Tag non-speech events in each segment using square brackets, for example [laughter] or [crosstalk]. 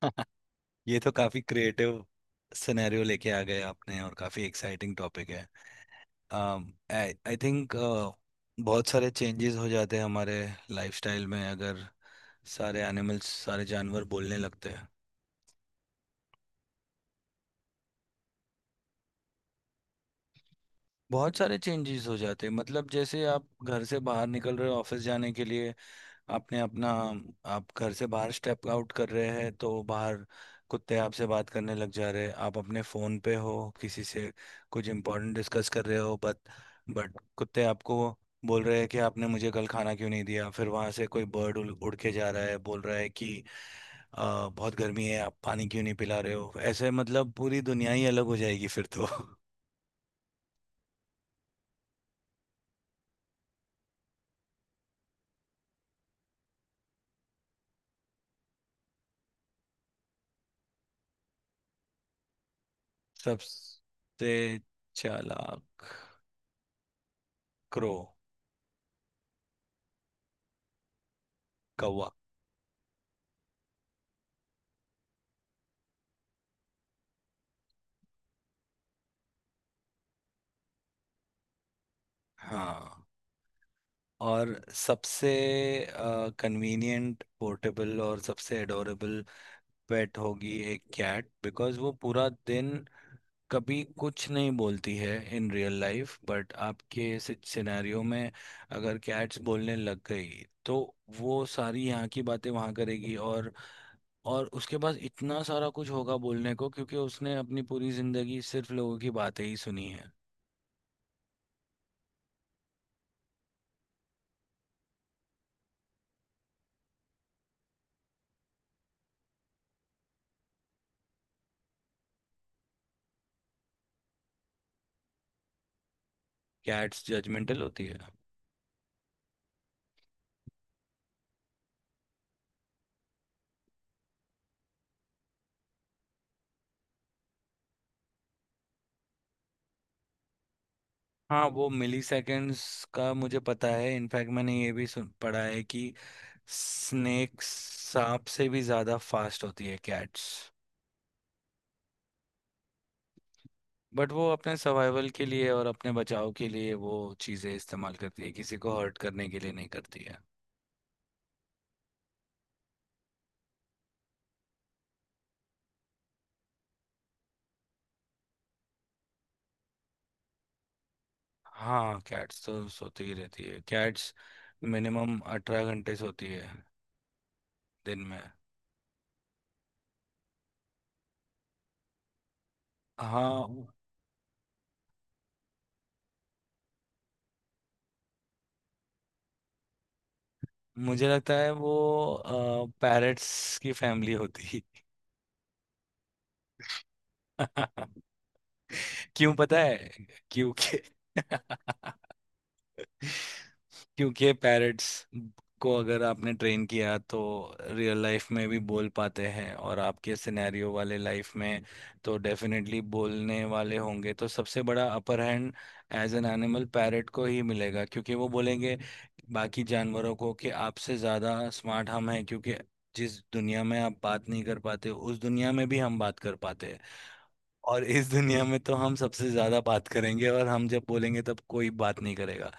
[laughs] ये तो काफी क्रिएटिव सिनेरियो लेके आ गए आपने और काफी एक्साइटिंग टॉपिक है। आई थिंक बहुत सारे चेंजेस हो जाते हैं हमारे लाइफस्टाइल में अगर सारे एनिमल्स सारे जानवर बोलने लगते हैं। बहुत सारे चेंजेस हो जाते हैं, मतलब जैसे आप घर से बाहर निकल रहे हो ऑफिस जाने के लिए, आपने अपना आप घर से बाहर स्टेप आउट कर रहे हैं तो बाहर कुत्ते आपसे बात करने लग जा रहे हैं। आप अपने फ़ोन पे हो किसी से कुछ इम्पोर्टेंट डिस्कस कर रहे हो, बट कुत्ते आपको बोल रहे हैं कि आपने मुझे कल खाना क्यों नहीं दिया। फिर वहाँ से कोई बर्ड उड़ उड़ के जा रहा है, बोल रहा है कि "आ, बहुत गर्मी है, आप पानी क्यों नहीं पिला रहे हो"। ऐसे मतलब पूरी दुनिया ही अलग हो जाएगी फिर तो। [laughs] सबसे चालाक क्रो। कौवा। हाँ। और सबसे कन्वीनियंट, पोर्टेबल और सबसे एडोरेबल पेट होगी एक कैट, बिकॉज वो पूरा दिन कभी कुछ नहीं बोलती है इन रियल लाइफ। बट आपके सिनेरियो में अगर कैट्स बोलने लग गई तो वो सारी यहाँ की बातें वहाँ करेगी, और उसके पास इतना सारा कुछ होगा बोलने को क्योंकि उसने अपनी पूरी जिंदगी सिर्फ लोगों की बातें ही सुनी है। कैट्स जजमेंटल होती है। हाँ, वो मिली सेकेंड्स का मुझे पता है। इनफैक्ट मैंने ये भी सुन पढ़ा है कि स्नेक सांप से भी ज़्यादा फास्ट होती है कैट्स। बट वो अपने सर्वाइवल के लिए और अपने बचाव के लिए वो चीज़ें इस्तेमाल करती है, किसी को हर्ट करने के लिए नहीं करती है। हाँ, कैट्स तो सोती ही रहती है। कैट्स मिनिमम 18 घंटे सोती है दिन में। हाँ वो- मुझे लगता है वो पैरट्स की फैमिली होती है। [laughs] क्यों पता है? क्योंकि [laughs] क्योंकि पैरट्स को अगर आपने ट्रेन किया तो रियल लाइफ में भी बोल पाते हैं, और आपके सिनेरियो वाले लाइफ में तो डेफिनेटली बोलने वाले होंगे। तो सबसे बड़ा upper hand as an animal parrot को ही मिलेगा, क्योंकि वो बोलेंगे बाकी जानवरों को कि आपसे ज़्यादा स्मार्ट हम हैं, क्योंकि जिस दुनिया में आप बात नहीं कर पाते उस दुनिया में भी हम बात कर पाते हैं। और इस दुनिया में तो हम सबसे ज्यादा बात करेंगे, और हम जब बोलेंगे तब कोई बात नहीं करेगा।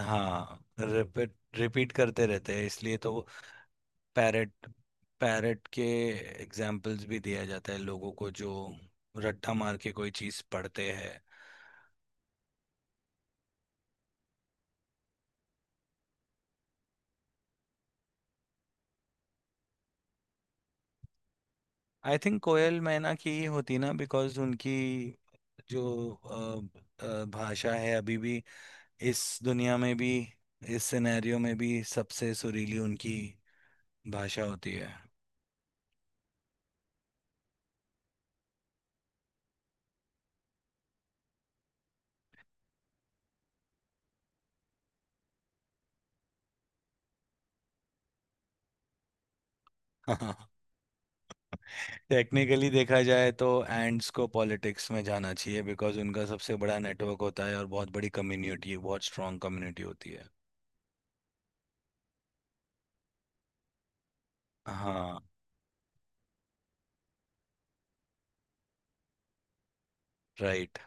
हाँ, रिपीट रिपीट करते रहते हैं, इसलिए तो पैरट पैरट के एग्जाम्पल्स भी दिया जाता है लोगों को जो रट्टा मार के कोई चीज पढ़ते हैं। आई थिंक कोयल मैना की ही होती ना, बिकॉज उनकी जो भाषा है अभी भी, इस दुनिया में भी, इस सिनेरियो में भी सबसे सुरीली उनकी भाषा होती है। [laughs] टेक्निकली देखा जाए तो एंड्स को पॉलिटिक्स में जाना चाहिए, बिकॉज उनका सबसे बड़ा नेटवर्क होता है और बहुत बड़ी कम्युनिटी, बहुत स्ट्रांग कम्युनिटी होती है। हाँ। राइट।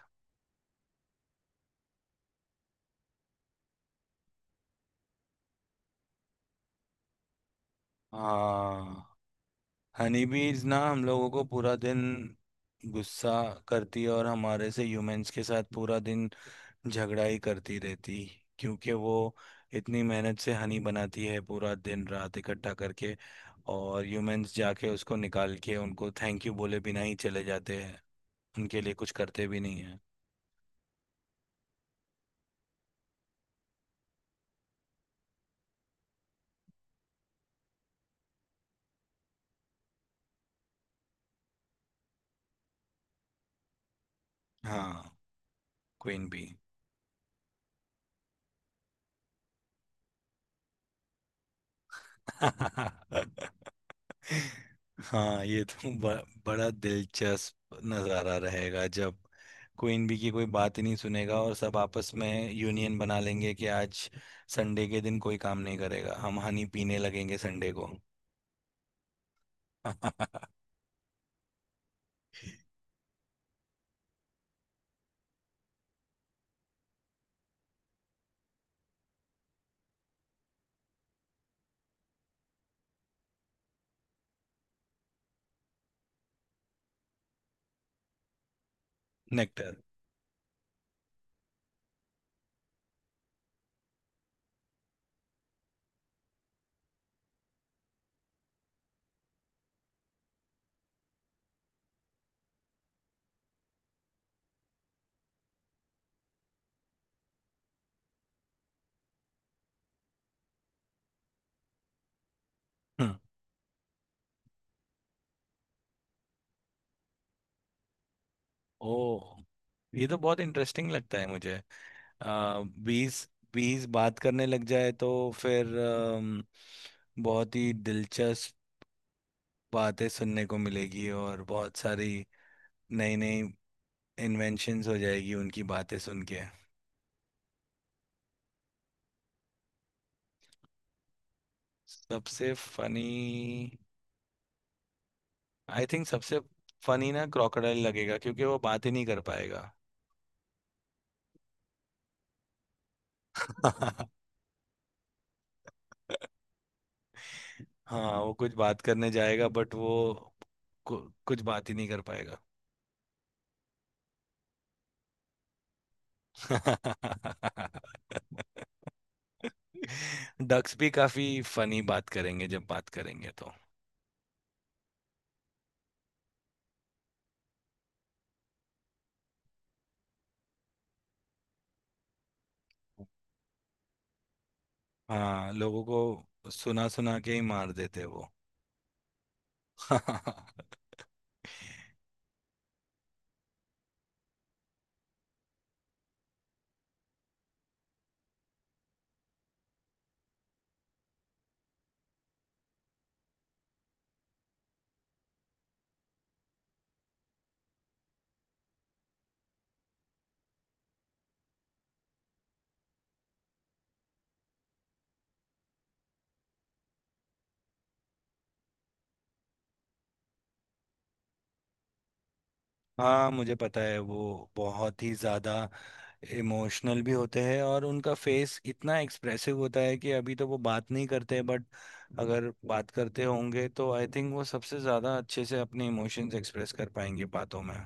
हाँ, हनी बीज ना हम लोगों को पूरा दिन गुस्सा करती है और हमारे से, ह्यूमंस के साथ पूरा दिन झगड़ा ही करती रहती, क्योंकि वो इतनी मेहनत से हनी बनाती है पूरा दिन रात इकट्ठा करके, और ह्यूमंस जाके उसको निकाल के उनको थैंक यू बोले बिना ही चले जाते हैं, उनके लिए कुछ करते भी नहीं है। हाँ। क्वीन भी। [laughs] हाँ, ये तो बड़ा दिलचस्प नज़ारा रहेगा जब क्वीन बी की कोई बात ही नहीं सुनेगा और सब आपस में यूनियन बना लेंगे कि आज संडे के दिन कोई काम नहीं करेगा, हम हनी पीने लगेंगे संडे को। [laughs] नेक्टर। हम्म। ओ, ये तो बहुत इंटरेस्टिंग लगता है मुझे। आ, बीस बीस बात करने लग जाए तो फिर बहुत ही दिलचस्प बातें सुनने को मिलेगी, और बहुत सारी नई नई इन्वेंशंस हो जाएगी उनकी बातें सुन के। सबसे फनी आई थिंक सबसे फनी ना क्रोकोडाइल लगेगा, क्योंकि वो बात ही नहीं कर पाएगा। [laughs] हाँ, वो कुछ बात करने जाएगा बट वो कु, कुछ बात ही नहीं कर पाएगा। [laughs] डक्स भी काफी फनी बात करेंगे जब बात करेंगे तो। हाँ, लोगों को सुना सुना के ही मार देते हैं वो। [laughs] हाँ मुझे पता है वो बहुत ही ज्यादा इमोशनल भी होते हैं, और उनका फेस इतना एक्सप्रेसिव होता है कि अभी तो वो बात नहीं करते। बट अगर बात करते होंगे तो आई थिंक वो सबसे ज्यादा अच्छे से अपने इमोशंस एक्सप्रेस कर पाएंगे बातों में।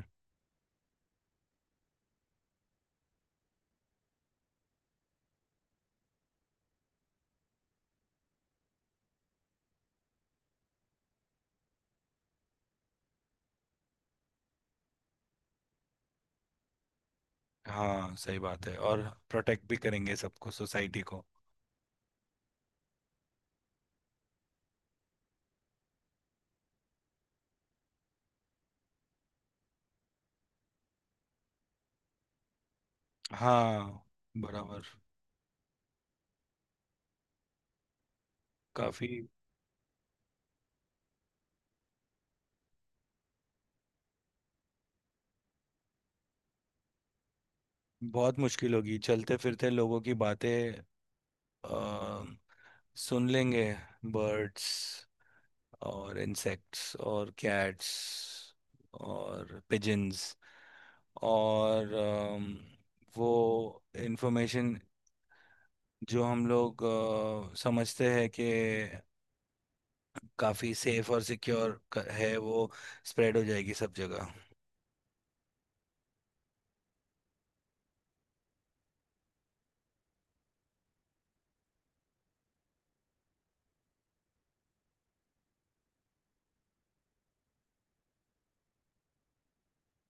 हाँ सही बात है, और प्रोटेक्ट भी करेंगे सबको, सोसाइटी को। हाँ, बराबर। काफी बहुत मुश्किल होगी, चलते फिरते लोगों की बातें अ, सुन लेंगे बर्ड्स और इंसेक्ट्स और कैट्स और पिजन्स और वो इंफॉर्मेशन जो हम लोग समझते हैं कि काफ़ी सेफ और सिक्योर है वो स्प्रेड हो जाएगी सब जगह।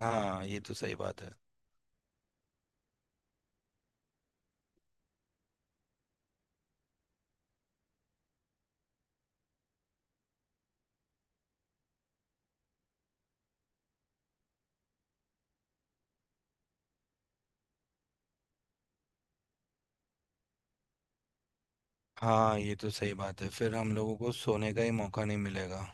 हाँ ये तो सही बात है। हाँ ये तो सही बात है, फिर हम लोगों को सोने का ही मौका नहीं मिलेगा।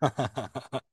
[laughs]